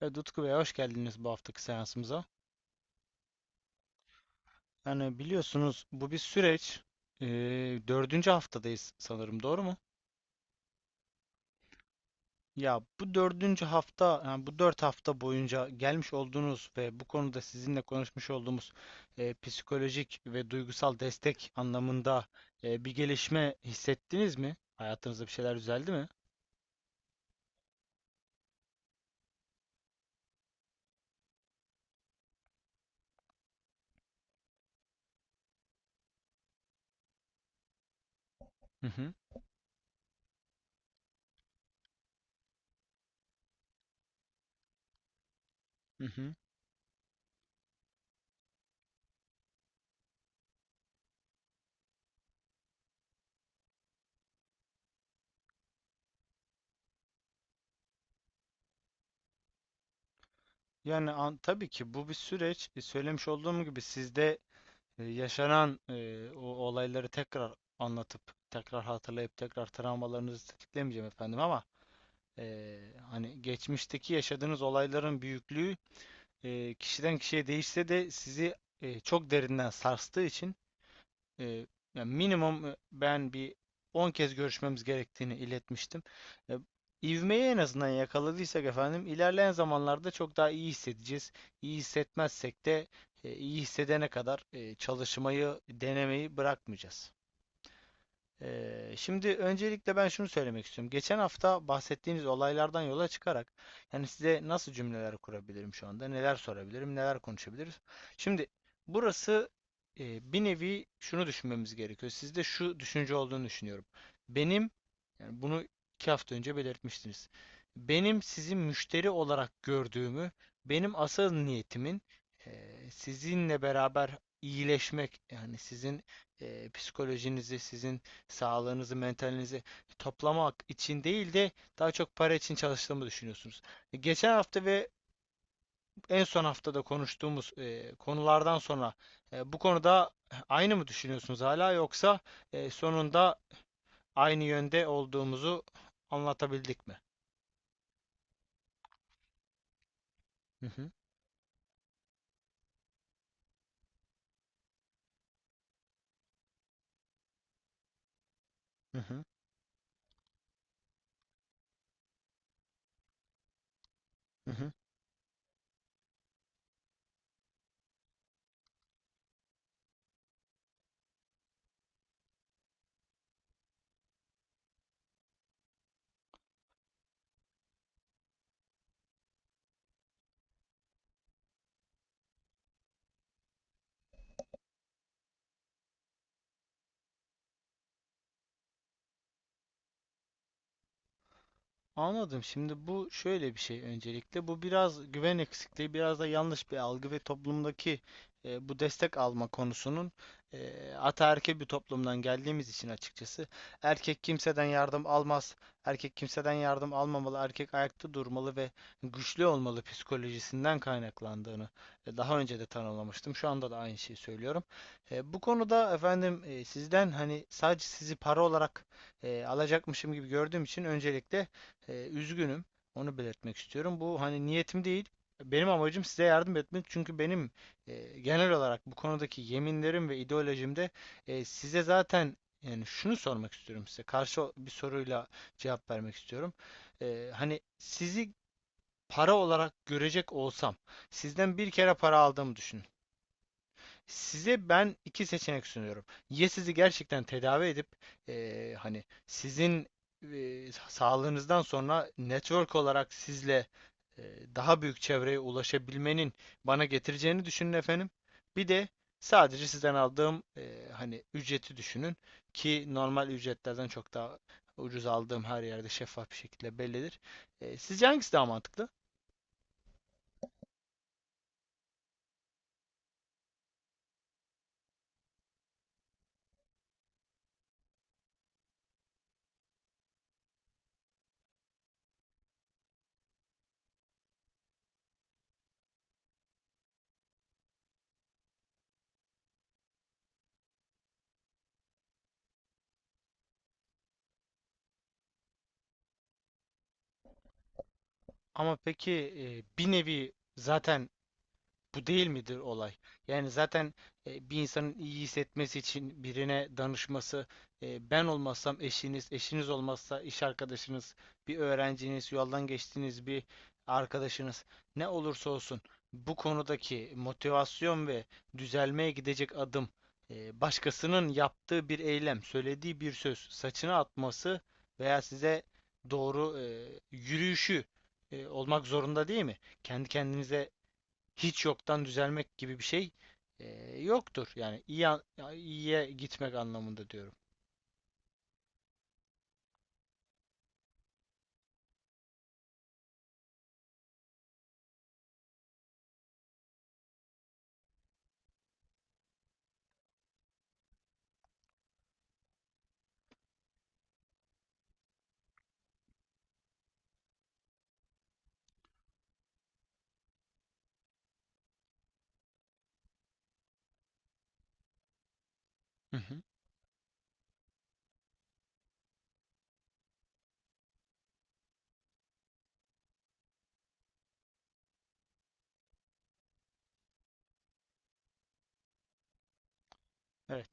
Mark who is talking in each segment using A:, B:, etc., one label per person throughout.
A: Evet, Utku Bey hoş geldiniz bu haftaki seansımıza. Yani biliyorsunuz bu bir süreç. Ee, dördüncü haftadayız sanırım doğru mu? Ya bu dördüncü hafta, yani bu 4 hafta boyunca gelmiş olduğunuz ve bu konuda sizinle konuşmuş olduğumuz psikolojik ve duygusal destek anlamında bir gelişme hissettiniz mi? Hayatınızda bir şeyler düzeldi mi? Hı hı. Hı hı. Yani tabii ki bu bir süreç. Söylemiş olduğum gibi sizde yaşanan o olayları tekrar anlatıp tekrar hatırlayıp tekrar travmalarınızı tetiklemeyeceğim efendim ama e, hani geçmişteki yaşadığınız olayların büyüklüğü kişiden kişiye değişse de sizi çok derinden sarstığı için e, yani minimum ben bir 10 kez görüşmemiz gerektiğini iletmiştim. E, ivmeyi en azından yakaladıysak efendim ilerleyen zamanlarda çok daha iyi hissedeceğiz. İyi hissetmezsek de iyi hissedene kadar çalışmayı, denemeyi bırakmayacağız. Şimdi öncelikle ben şunu söylemek istiyorum. Geçen hafta bahsettiğiniz olaylardan yola çıkarak yani size nasıl cümleler kurabilirim şu anda, neler sorabilirim, neler konuşabiliriz. Şimdi burası bir nevi şunu düşünmemiz gerekiyor. Sizde şu düşünce olduğunu düşünüyorum. Benim yani bunu 2 hafta önce belirtmiştiniz. Benim sizi müşteri olarak gördüğümü, benim asıl niyetimin sizinle beraber iyileşmek yani sizin psikolojinizi, sizin sağlığınızı, mentalinizi toplamak için değil de daha çok para için çalıştığımı düşünüyorsunuz. Geçen hafta ve en son haftada konuştuğumuz konulardan sonra bu konuda aynı mı düşünüyorsunuz hala yoksa sonunda aynı yönde olduğumuzu anlatabildik mi? Hı hı. Hı hı. Hı hı. Anladım. Şimdi bu şöyle bir şey öncelikle. Bu biraz güven eksikliği, biraz da yanlış bir algı ve toplumdaki bu destek alma konusunun ataerkil bir toplumdan geldiğimiz için açıkçası. Erkek kimseden yardım almaz. Erkek kimseden yardım almamalı. Erkek ayakta durmalı ve güçlü olmalı psikolojisinden kaynaklandığını daha önce de tanımlamıştım. Şu anda da aynı şeyi söylüyorum. Bu konuda efendim sizden hani sadece sizi para olarak alacakmışım gibi gördüğüm için öncelikle üzgünüm. Onu belirtmek istiyorum. Bu hani niyetim değil. Benim amacım size yardım etmek. Çünkü benim genel olarak bu konudaki yeminlerim ve ideolojimde size zaten yani şunu sormak istiyorum size. Karşı bir soruyla cevap vermek istiyorum. Hani sizi para olarak görecek olsam, sizden bir kere para aldığımı düşün. Size ben iki seçenek sunuyorum. Ya sizi gerçekten tedavi edip hani sizin eee, sağlığınızdan sonra network olarak sizle daha büyük çevreye ulaşabilmenin bana getireceğini düşünün efendim. Bir de sadece sizden aldığım hani ücreti düşünün ki normal ücretlerden çok daha ucuz aldığım her yerde şeffaf bir şekilde bellidir. Sizce hangisi daha mantıklı? Ama peki bir nevi zaten bu değil midir olay? Yani zaten bir insanın iyi hissetmesi için birine danışması, ben olmazsam eşiniz, eşiniz olmazsa iş arkadaşınız, bir öğrenciniz, yoldan geçtiğiniz bir arkadaşınız, ne olursa olsun bu konudaki motivasyon ve düzelmeye gidecek adım, başkasının yaptığı bir eylem, söylediği bir söz, saçını atması veya size doğru yürüyüşü olmak zorunda değil mi? Kendi kendinize hiç yoktan düzelmek gibi bir şey e, yoktur. Yani iyiye gitmek anlamında diyorum. Hı hı. Evet.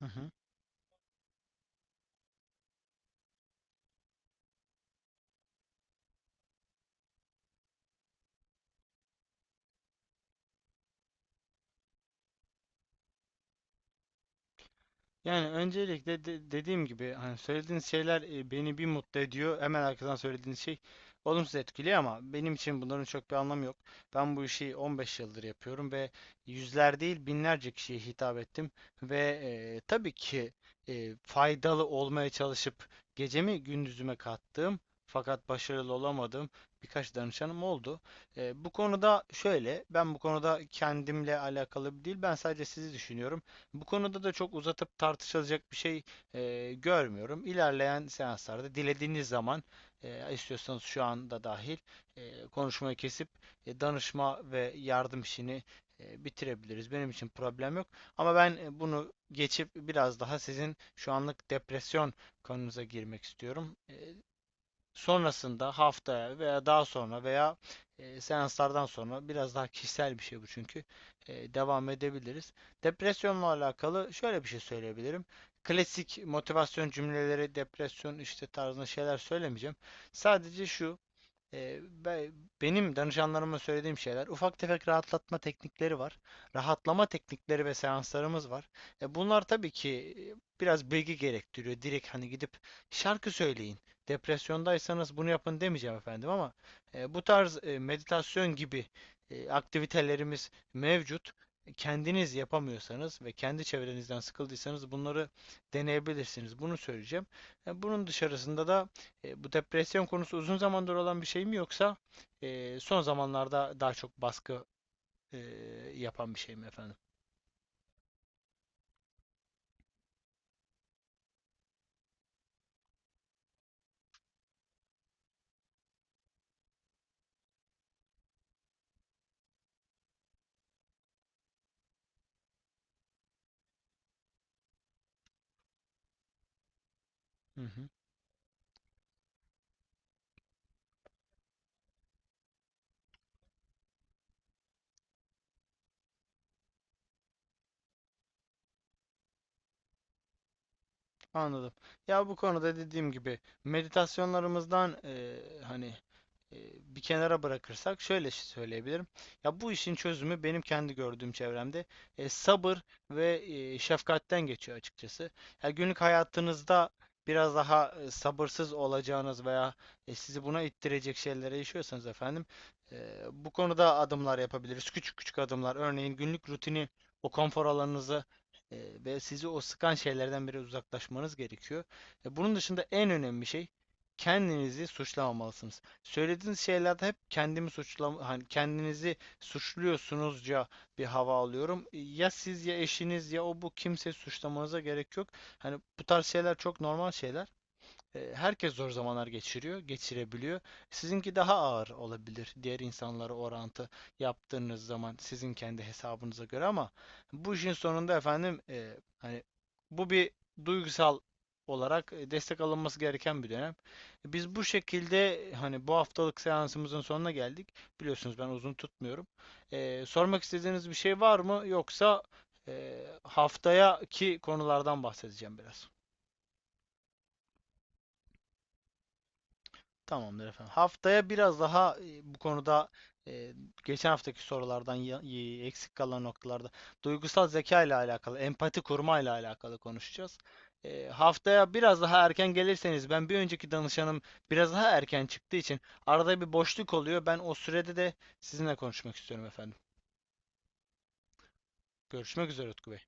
A: Hı hı. Yani öncelikle dediğim gibi hani söylediğiniz şeyler beni bir mutlu ediyor. Hemen arkadan söylediğiniz şey olumsuz etkiliyor ama benim için bunların çok bir anlamı yok. Ben bu işi 15 yıldır yapıyorum ve yüzler değil binlerce kişiye hitap ettim ve tabii ki faydalı olmaya çalışıp gecemi gündüzüme kattığım fakat başarılı olamadığım birkaç danışanım oldu. Bu konuda şöyle, ben bu konuda kendimle alakalı değil, ben sadece sizi düşünüyorum. Bu konuda da çok uzatıp tartışılacak bir şey görmüyorum. İlerleyen seanslarda dilediğiniz zaman istiyorsanız şu anda dahil konuşmayı kesip danışma ve yardım işini bitirebiliriz. Benim için problem yok. Ama ben bunu geçip biraz daha sizin şu anlık depresyon konunuza girmek istiyorum. Sonrasında haftaya veya daha sonra veya seanslardan sonra biraz daha kişisel bir şey bu çünkü devam edebiliriz. Depresyonla alakalı şöyle bir şey söyleyebilirim. Klasik motivasyon cümleleri, depresyon işte tarzında şeyler söylemeyeceğim. Sadece şu ee, benim danışanlarıma söylediğim şeyler ufak tefek rahatlatma teknikleri var. Rahatlama teknikleri ve seanslarımız var. Bunlar tabii ki biraz bilgi gerektiriyor. Direkt hani gidip şarkı söyleyin. Depresyondaysanız bunu yapın demeyeceğim efendim ama bu tarz meditasyon gibi aktivitelerimiz mevcut. Kendiniz yapamıyorsanız ve kendi çevrenizden sıkıldıysanız bunları deneyebilirsiniz. Bunu söyleyeceğim. Bunun dışarısında da bu depresyon konusu uzun zamandır olan bir şey mi yoksa son zamanlarda daha çok baskı e, yapan bir şey mi efendim? Hı hı. Anladım. Ya bu konuda dediğim gibi meditasyonlarımızdan hani e, bir kenara bırakırsak şöyle şey söyleyebilirim. Ya bu işin çözümü benim kendi gördüğüm çevremde sabır ve şefkatten geçiyor açıkçası. Ya günlük hayatınızda biraz daha sabırsız olacağınız veya sizi buna ittirecek şeylere yaşıyorsanız efendim bu konuda adımlar yapabiliriz. Küçük küçük adımlar. Örneğin günlük rutini, o konfor alanınızı e, ve sizi o sıkan şeylerden biri uzaklaşmanız gerekiyor. Bunun dışında en önemli şey kendinizi suçlamamalısınız. Söylediğiniz şeylerde hep kendimi suçlama, hani kendinizi suçluyorsunuzca bir hava alıyorum. Ya siz ya eşiniz ya o bu kimseyi suçlamanıza gerek yok. Hani bu tarz şeyler çok normal şeyler. Herkes zor zamanlar geçiriyor, geçirebiliyor. Sizinki daha ağır olabilir diğer insanlara orantı yaptığınız zaman sizin kendi hesabınıza göre ama bu işin sonunda efendim hani bu bir duygusal olarak destek alınması gereken bir dönem. Biz bu şekilde hani bu haftalık seansımızın sonuna geldik. Biliyorsunuz ben uzun tutmuyorum. Sormak istediğiniz bir şey var mı? Yoksa haftaya ki konulardan bahsedeceğim biraz. Tamamdır efendim. Haftaya biraz daha bu konuda e, geçen haftaki sorulardan eksik kalan noktalarda duygusal zeka ile alakalı, empati kurma ile alakalı konuşacağız. Haftaya biraz daha erken gelirseniz ben bir önceki danışanım biraz daha erken çıktığı için arada bir boşluk oluyor. Ben o sürede de sizinle konuşmak istiyorum efendim. Görüşmek üzere Utku Bey.